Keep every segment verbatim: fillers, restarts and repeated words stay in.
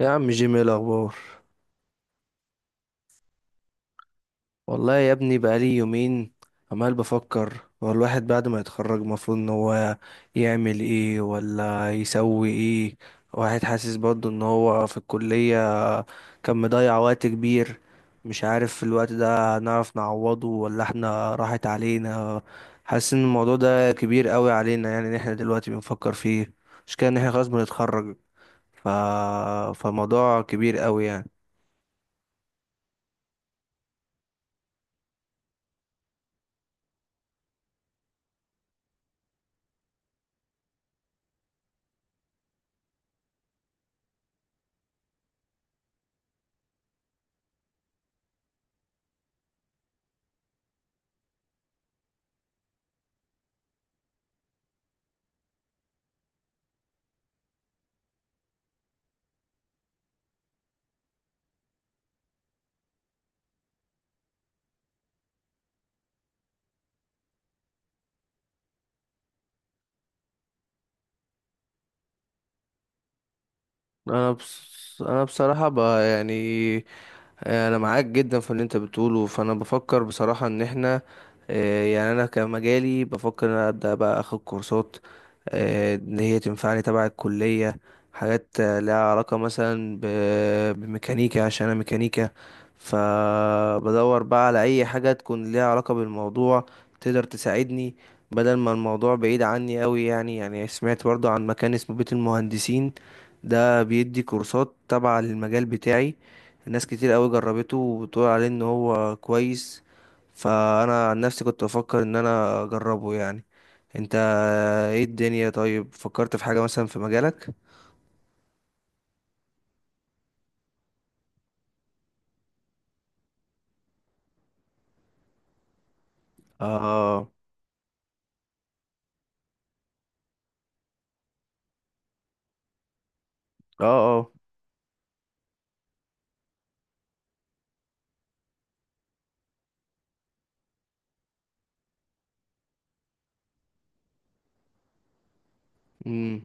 يا عم جيمي إيه الاخبار؟ والله يا ابني بقالي يومين عمال بفكر هو الواحد بعد ما يتخرج المفروض ان هو يعمل ايه ولا يسوي ايه. واحد حاسس برضه ان هو في الكلية كان مضيع وقت كبير. مش عارف الوقت ده هنعرف نعوضه ولا احنا راحت علينا. حاسس ان الموضوع ده كبير قوي علينا، يعني ان احنا دلوقتي بنفكر فيه. مش كده ان احنا خلاص بنتخرج. ف... فالموضوع كبير قوي يعني. انا بص... انا بصراحة ب... يعني، انا معاك جدا في اللي انت بتقوله. فانا بفكر بصراحة ان احنا، آه، يعني انا كمجالي بفكر ان أنا ابدا بقى اخد كورسات آه، ان هي تنفعني تبع الكلية. حاجات آه، لها علاقة مثلا ب- بميكانيكا عشان انا ميكانيكا. فبدور بقى على اي حاجة تكون ليها علاقة بالموضوع، تقدر تساعدني. بدل ما الموضوع بعيد عني قوي، يعني يعني سمعت برضو عن مكان اسمه بيت المهندسين. ده بيدي كورسات تبع للمجال بتاعي. ناس كتير قوي جربته وبتقول عليه ان هو كويس. فانا عن نفسي كنت بفكر ان انا اجربه يعني. انت ايه الدنيا؟ طيب فكرت في حاجة مثلا في مجالك؟ اه. اه. اه. مم.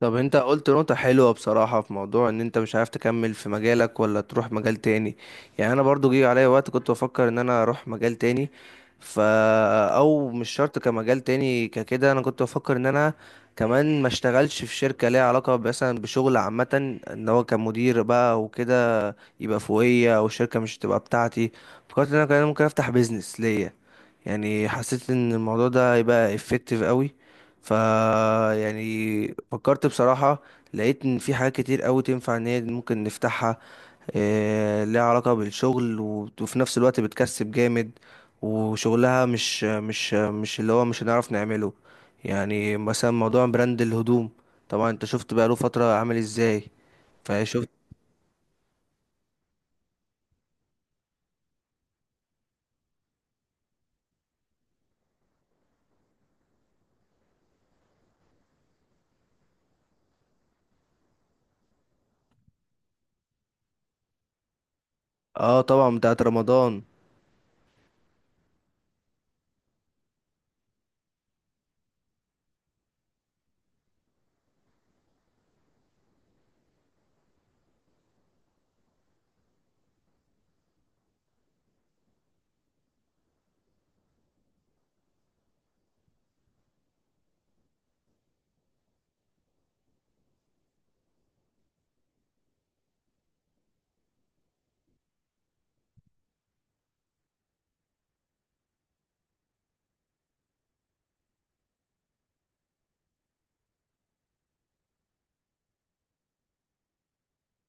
طب انت قلت نقطة حلوة بصراحة في موضوع ان انت مش عارف تكمل في مجالك ولا تروح مجال تاني. يعني انا برضو جه عليا وقت كنت بفكر ان انا اروح مجال تاني. فا او مش شرط كمجال تاني ككده. انا كنت بفكر ان انا كمان ما اشتغلش في شركة ليها علاقة مثلا بشغل عامة، ان هو كمدير بقى وكده يبقى فوقية، او الشركة مش تبقى بتاعتي. فكرت ان انا كمان ممكن افتح بيزنس ليا. يعني حسيت ان الموضوع ده هيبقى effective قوي. ف يعني فكرت بصراحة، لقيت ان في حاجات كتير قوي تنفع ان هي ممكن نفتحها. إيه، ليها علاقة بالشغل و- وفي نفس الوقت بتكسب جامد. وشغلها مش مش مش اللي هو مش هنعرف نعمله. يعني مثلا موضوع براند الهدوم. طبعا انت شفت بقى له فترة عامل ازاي. فشفت. اه، طبعا بتاعت رمضان.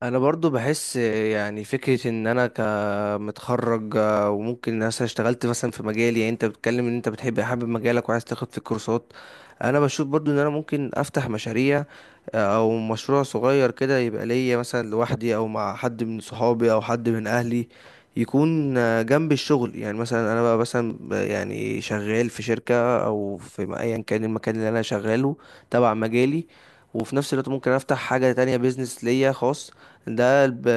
انا برضو بحس يعني فكرة ان انا ك آه، متخرج، آه، وممكن مثلا اشتغلت مثلا في مجالي. يعني انت بتتكلم ان انت بتحب حابب مجالك وعايز تاخد في الكورسات. انا بشوف برضو ان انا ممكن افتح مشاريع، آه، او مشروع صغير كده يبقى ليا مثلا لوحدي او مع حد من صحابي او حد من اهلي. يكون آه، جنب الشغل. يعني مثلا انا بقى مثلا ب- يعني شغال في شركة او في م- ايا كان المكان اللي انا شغاله تبع مجالي. وفي نفس الوقت ممكن افتح حاجة تانية، بيزنس ليا خاص. ده الب-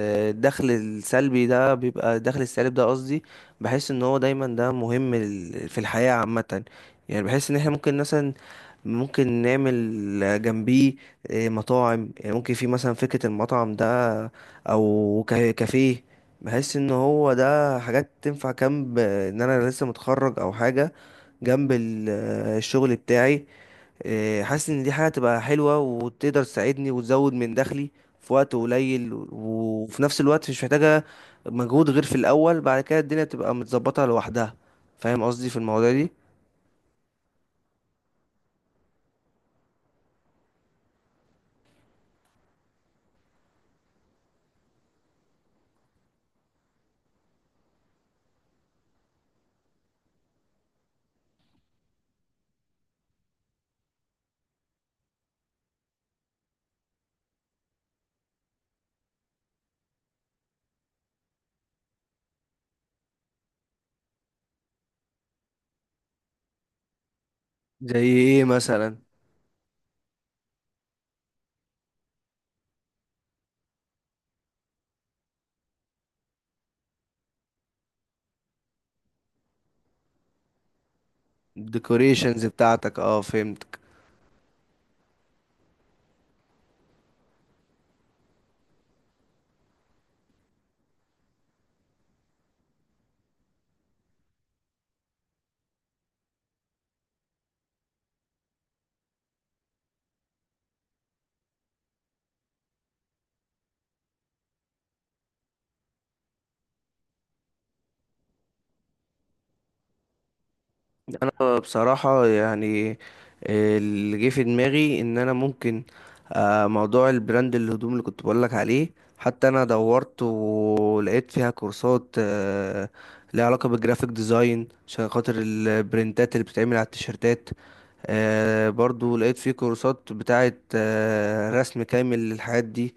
الدخل السلبي ده بيبقى الدخل السالب ده قصدي. بحس ان هو دايما ده مهم لل- في الحياة عامة. يعني بحس ان احنا ممكن مثلا ممكن نعمل جنبيه، إيه، مطاعم. يعني ممكن في مثلا فكرة المطعم ده، او كا- كافيه. بحس ان هو ده حاجات تنفع جنب ان انا لسه متخرج او حاجة جنب ال- الشغل بتاعي. إيه، حاسس ان دي حاجة تبقى حلوة وتقدر تساعدني وتزود من دخلي في وقت قليل، وفي نفس الوقت مش محتاجة مجهود غير في الاول. بعد كده الدنيا تبقى متظبطة لوحدها. فاهم قصدي في المواضيع دي؟ زي ايه مثلا؟ الديكوريشنز بتاعتك، اه، فهمت. انا بصراحة يعني، آه، اللي جه في دماغي ان انا ممكن، آه، موضوع البراند الهدوم اللي كنت بقولك عليه. حتى انا دورت ولقيت فيها كورسات آه، ليها علاقة بالجرافيك ديزاين عشان خاطر البرنتات اللي بتتعمل على التيشيرتات. آه، برضو لقيت فيه كورسات بتاعة آه، رسم كامل للحاجات دي.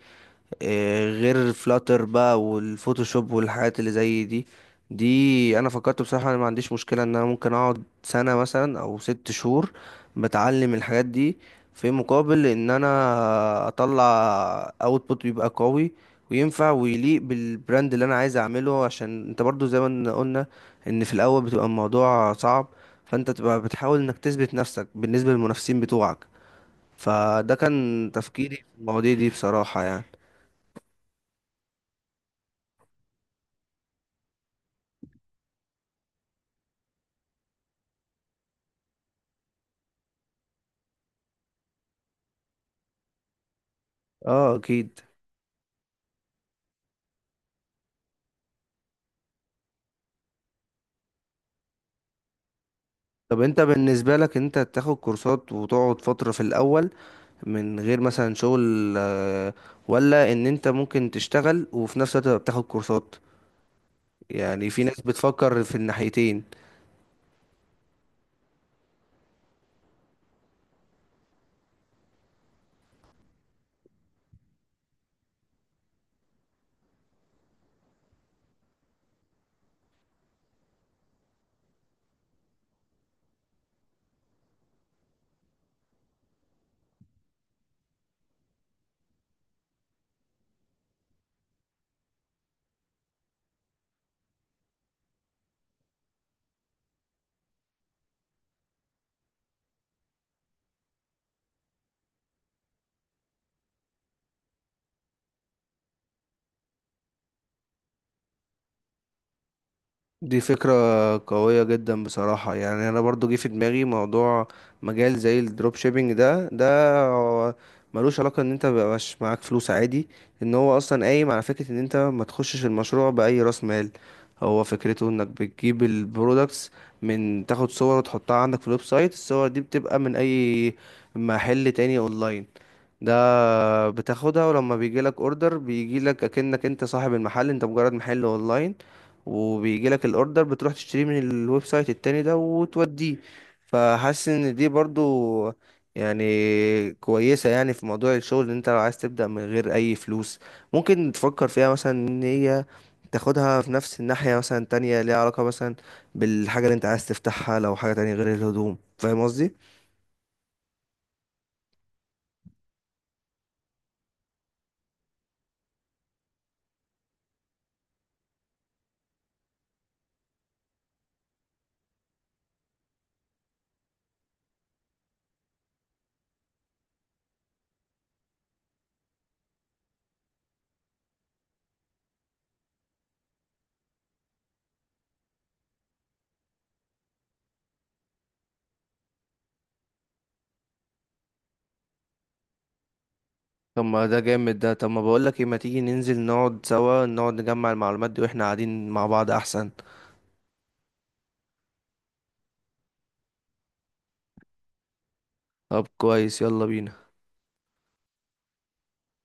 إيه، غير فلاتر بقى والفوتوشوب والحاجات اللي زي دي. دي انا فكرت بصراحة، انا ما عنديش مشكلة ان انا ممكن اقعد سنة مثلا او ست شهور بتعلم الحاجات دي في مقابل ان انا اطلع اوتبوت بيبقى قوي وينفع ويليق بالبراند اللي انا عايز اعمله. عشان انت برضو زي ما قلنا ان في الاول بتبقى الموضوع صعب، فانت تبقى بتحاول انك تثبت نفسك بالنسبة للمنافسين بتوعك. فده كان تفكيري في المواضيع دي بصراحة يعني. اه، اكيد. طب انت بالنسبة لك انت تاخد كورسات وتقعد فترة في الاول من غير مثلا شغل، آه، ولا ان انت ممكن تشتغل وفي نفس الوقت تبقى بتاخد كورسات؟ يعني في ناس بتفكر في الناحيتين. دي فكرة قوية جدا بصراحة يعني. أنا برضو جه في دماغي موضوع مجال زي الدروب شيبينج ده ده هو ملوش علاقة إن أنت مبقاش معاك فلوس عادي. إن هو أصلا قايم على فكرة إن أنت ما تخشش المشروع بأي رأس مال. هو فكرته إنك بتجيب البرودكتس، من تاخد صور وتحطها عندك في الويب سايت. الصور دي بتبقى من أي محل تاني أونلاين. ده بتاخدها، ولما بيجيلك اوردر بيجيلك اكنك انت صاحب المحل، انت مجرد محل اونلاين. وبيجيلك الاوردر بتروح تشتريه من الويب سايت التاني ده وتوديه. فحاسس ان دي برضو يعني كويسة. يعني في موضوع الشغل، ان انت لو عايز تبدأ من غير اي فلوس، ممكن تفكر فيها مثلا ان هي تاخدها في نفس الناحية مثلا تانية ليها علاقة مثلا بالحاجة اللي انت عايز تفتحها، لو حاجة تانية غير الهدوم. فاهم قصدي؟ طب ما ده جامد ده. طب ما بقولك ايه، ما تيجي ننزل نقعد سوا نقعد نجمع المعلومات دي واحنا قاعدين مع بعض احسن. طب كويس، يلا بينا.